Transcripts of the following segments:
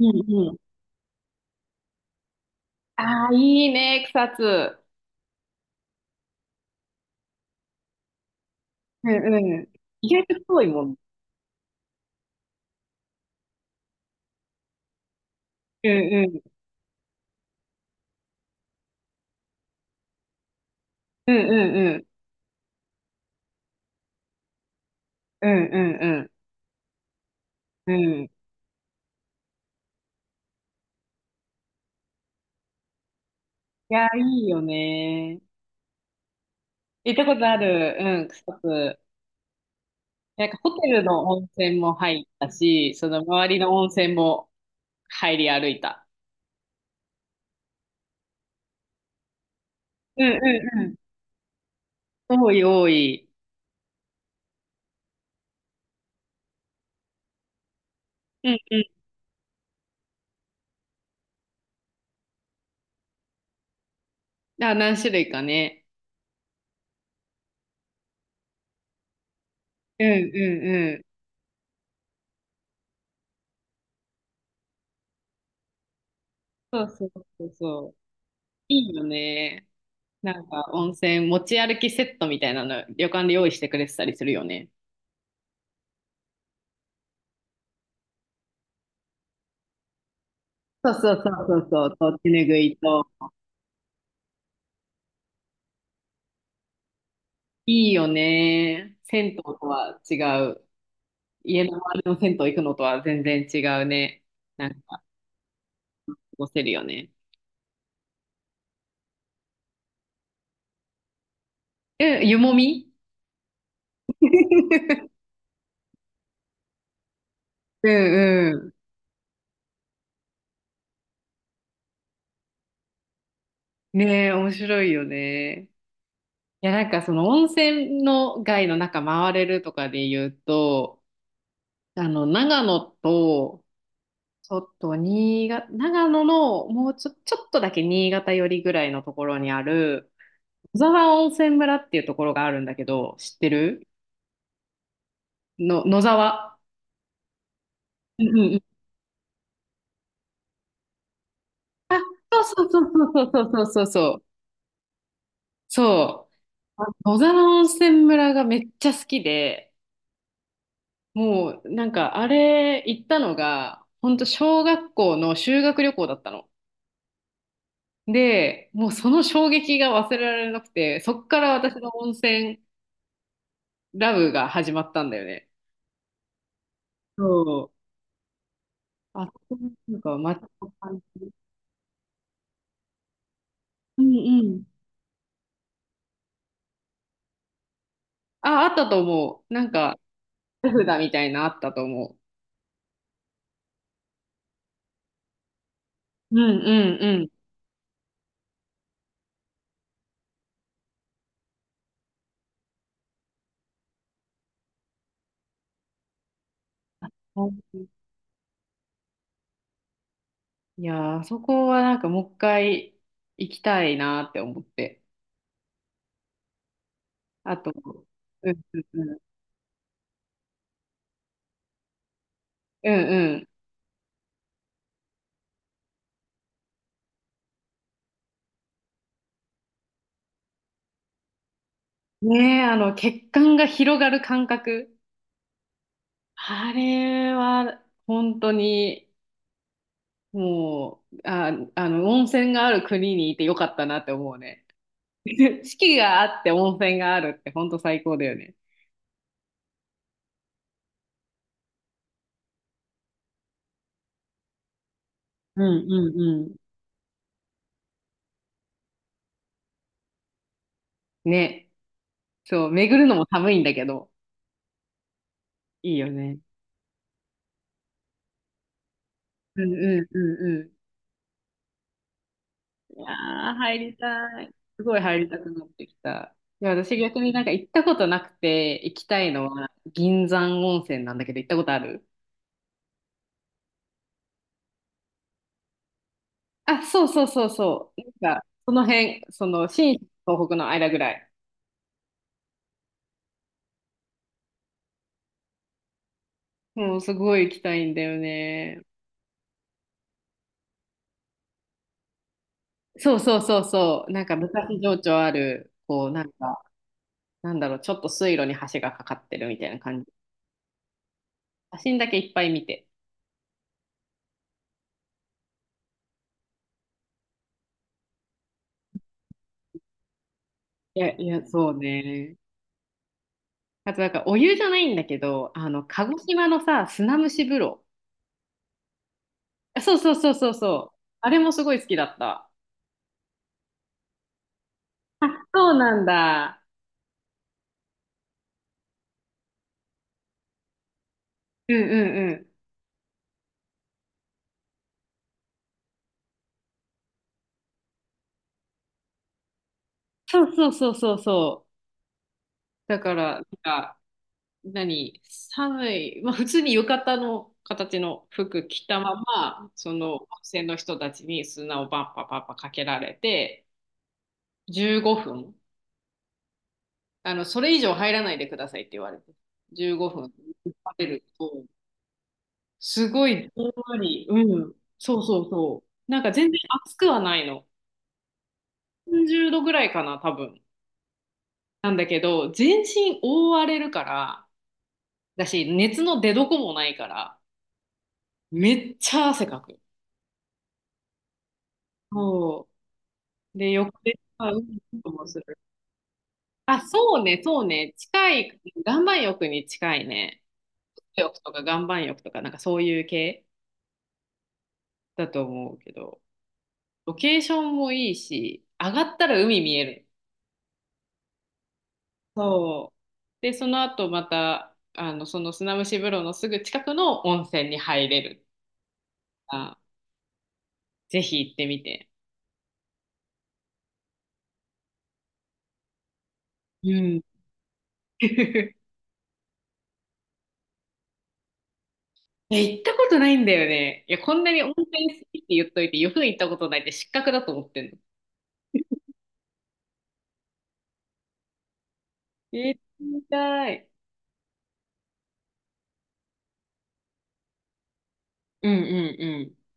うんうん。ああ、いいね、草津。うんうん。意外と遠いもん。うんうん。うんうんうん。うんうんうん。うん。いや、いいよね。行ったことある。うん、草津。なんかホテルの温泉も入ったし、その周りの温泉も入り歩いた。うんうんうん。多い多い。うんうん。あ、何種類かね。うんうんうん。そうそうそうそう。いいよね。なんか温泉持ち歩きセットみたいなの旅館で用意してくれてたりするよね。そうそうそうそうそう、と手ぬぐいと。いいよね。銭湯とは違う。家の周りの銭湯行くのとは全然違うね。過ごせるよね。え、湯もみ。 うんうん。ねえ、面白いよね。いや、なんかその温泉の街の中回れるとかで言うと、長野とちょっと新潟、長野のもうちょ、ちょっとだけ新潟寄りぐらいのところにある野沢温泉村っていうところがあるんだけど、知ってるの、野沢。うんうんうん。あ、そうそうそうそうそうそうそうそう。そう。あ、野沢温泉村がめっちゃ好きで、もうあれ行ったのが、ほんと小学校の修学旅行だったの。で、もうその衝撃が忘れられなくて、そっから私の温泉ラブが始まったんだよね。そう。あ、なんか街の感じ。うんうん。あ、あったと思う。手札みたいなあったと思う。うんうんうん。いやー、あそこはなんかもう一回行きたいなって思って。あと、うんうんうん。うんうん。ねえ、血管が広がる感覚。あれは、本当に、もう、温泉がある国にいてよかったなって思うね。四季があって温泉があるってほんと最高だよね。うんうんうん。ね。そう、巡るのも寒いんだけど。いいよね。うんうんうんうん。いやー、入りたい。すごい入りたくなってきた。いや、私逆になんか行ったことなくて行きたいのは銀山温泉なんだけど、行ったことある？あ、そうそうそうそう。なんか、その辺、その、新東北の間ぐらい。もうすごい行きたいんだよね。そうそうそうそう。なんか昔情緒ある、ちょっと水路に橋がかかってるみたいな感じ。写真だけいっぱい見て。いや、いや、そうね。あとなんかお湯じゃないんだけど、鹿児島のさ、砂蒸し風呂。あ、そうそうそうそうそう。あれもすごい好きだった。そうなんだ。うんうんうん。そうそうそうそうそう。だから、なんか、何、寒い、まあ普通に浴衣の形の服着たまま、その温泉の人たちに砂をパンパパッパかけられて、15分。それ以上入らないでくださいって言われて、15分食べると、すごいじんわり、うん、そうそうそう。なんか全然熱くはないの。30度ぐらいかな、多分。なんだけど、全身覆われるから、だし、熱の出どこもないから、めっちゃ汗かく。そう。で、横で、あ、うん、うんもする。あ、そうね、そうね。近い、岩盤浴に近いね。岩盤浴とか岩盤浴とか、なんかそういう系だと思うけど。ロケーションもいいし、上がったら海見える。そう。で、その後また、その砂蒸し風呂のすぐ近くの温泉に入れる。あ、ぜひ行ってみて。うん。え、行ったことないんだよね。いや、こんなに温泉好きって言っといて、よく行ったことないって失格だと思ってんの。えー、行きたい。うんうんうん。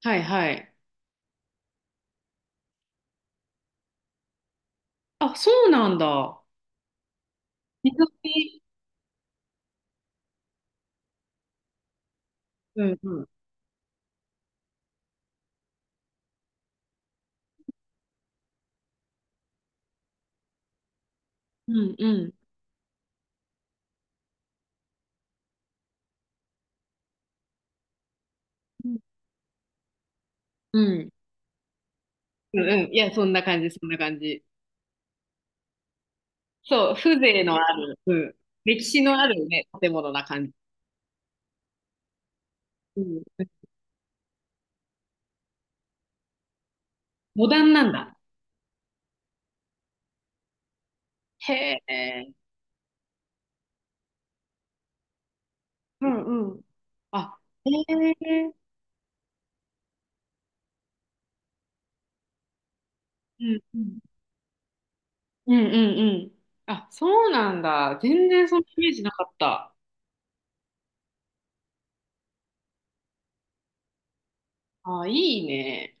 はいはい。あ、そうなんだ。水上。うんうん。うんうん。うん。うんうん。いや、そんな感じ、そんな感じ。そう、風情のある、うん、歴史のあるね、建物な感じ。うん、モダンなんだ。へえ。うんうん。あ、へえ。うんうん。うんうんうん。あ、そうなんだ。全然そのイメージなかった。あ、いいね。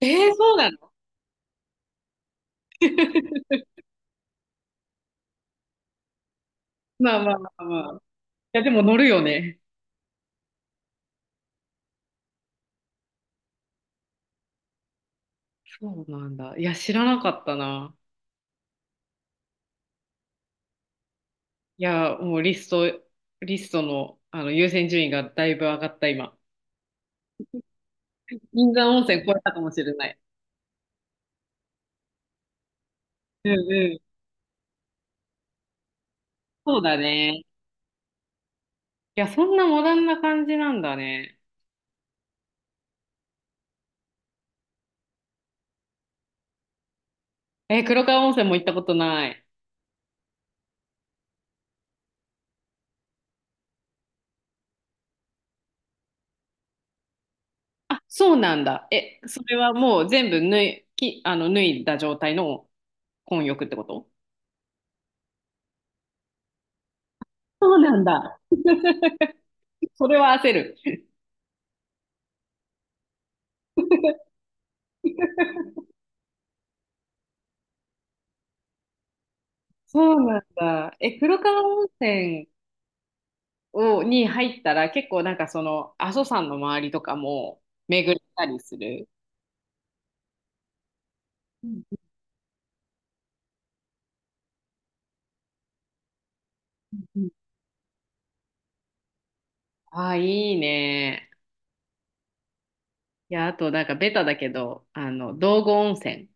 えー、そうなの？ まあまあまあまあ。いや、でも乗るよね。そうなんだ。いや、知らなかったな。いや、もうリスト、リストの、あの優先順位がだいぶ上がった今。銀山温泉超えたかもしれない。うんうん。そうだね。いや、そんなモダンな感じなんだね。え、黒川温泉も行ったことない。あ、そうなんだ。え、それはもう全部脱い、き、あの、脱いだ状態の混浴ってこと？そうなんだ。それは焦る。そうなんだ。え、黒川温泉を、に入ったら結構なんかその阿蘇山の周りとかも巡ったりする？うんうんうん。ああ、いいね。いや、あとなんかベタだけど、道後温泉。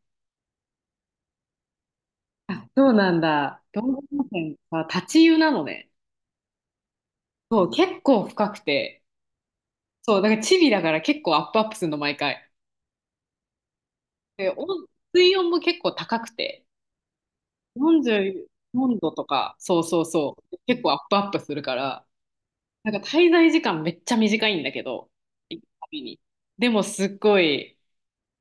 あ、そうなんだ。道後温泉は立ち湯なのね。そう、結構深くて。そう、だからチビだから結構アップアップするの、毎回。で、水温も結構高くて、44度とか、そうそうそう、結構アップアップするから、なんか滞在時間めっちゃ短いんだけど、行くたびに。でもすっごい、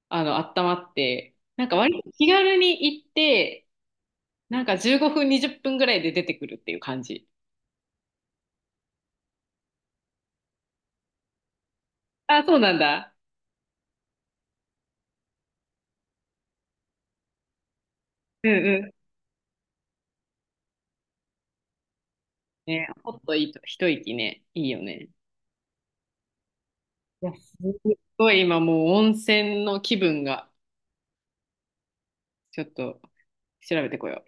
温まって、なんか割と気軽に行って、なんか15分、20分ぐらいで出てくるっていう感じ。あ、そうなんだ。うん。ね、ほっといいと、一息ね、いいよね。いや、ごい今もう温泉の気分が、ちょっと調べてこよ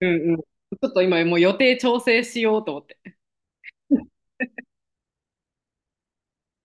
う。うんうん。ちょっと今もう予定調整しようと思って。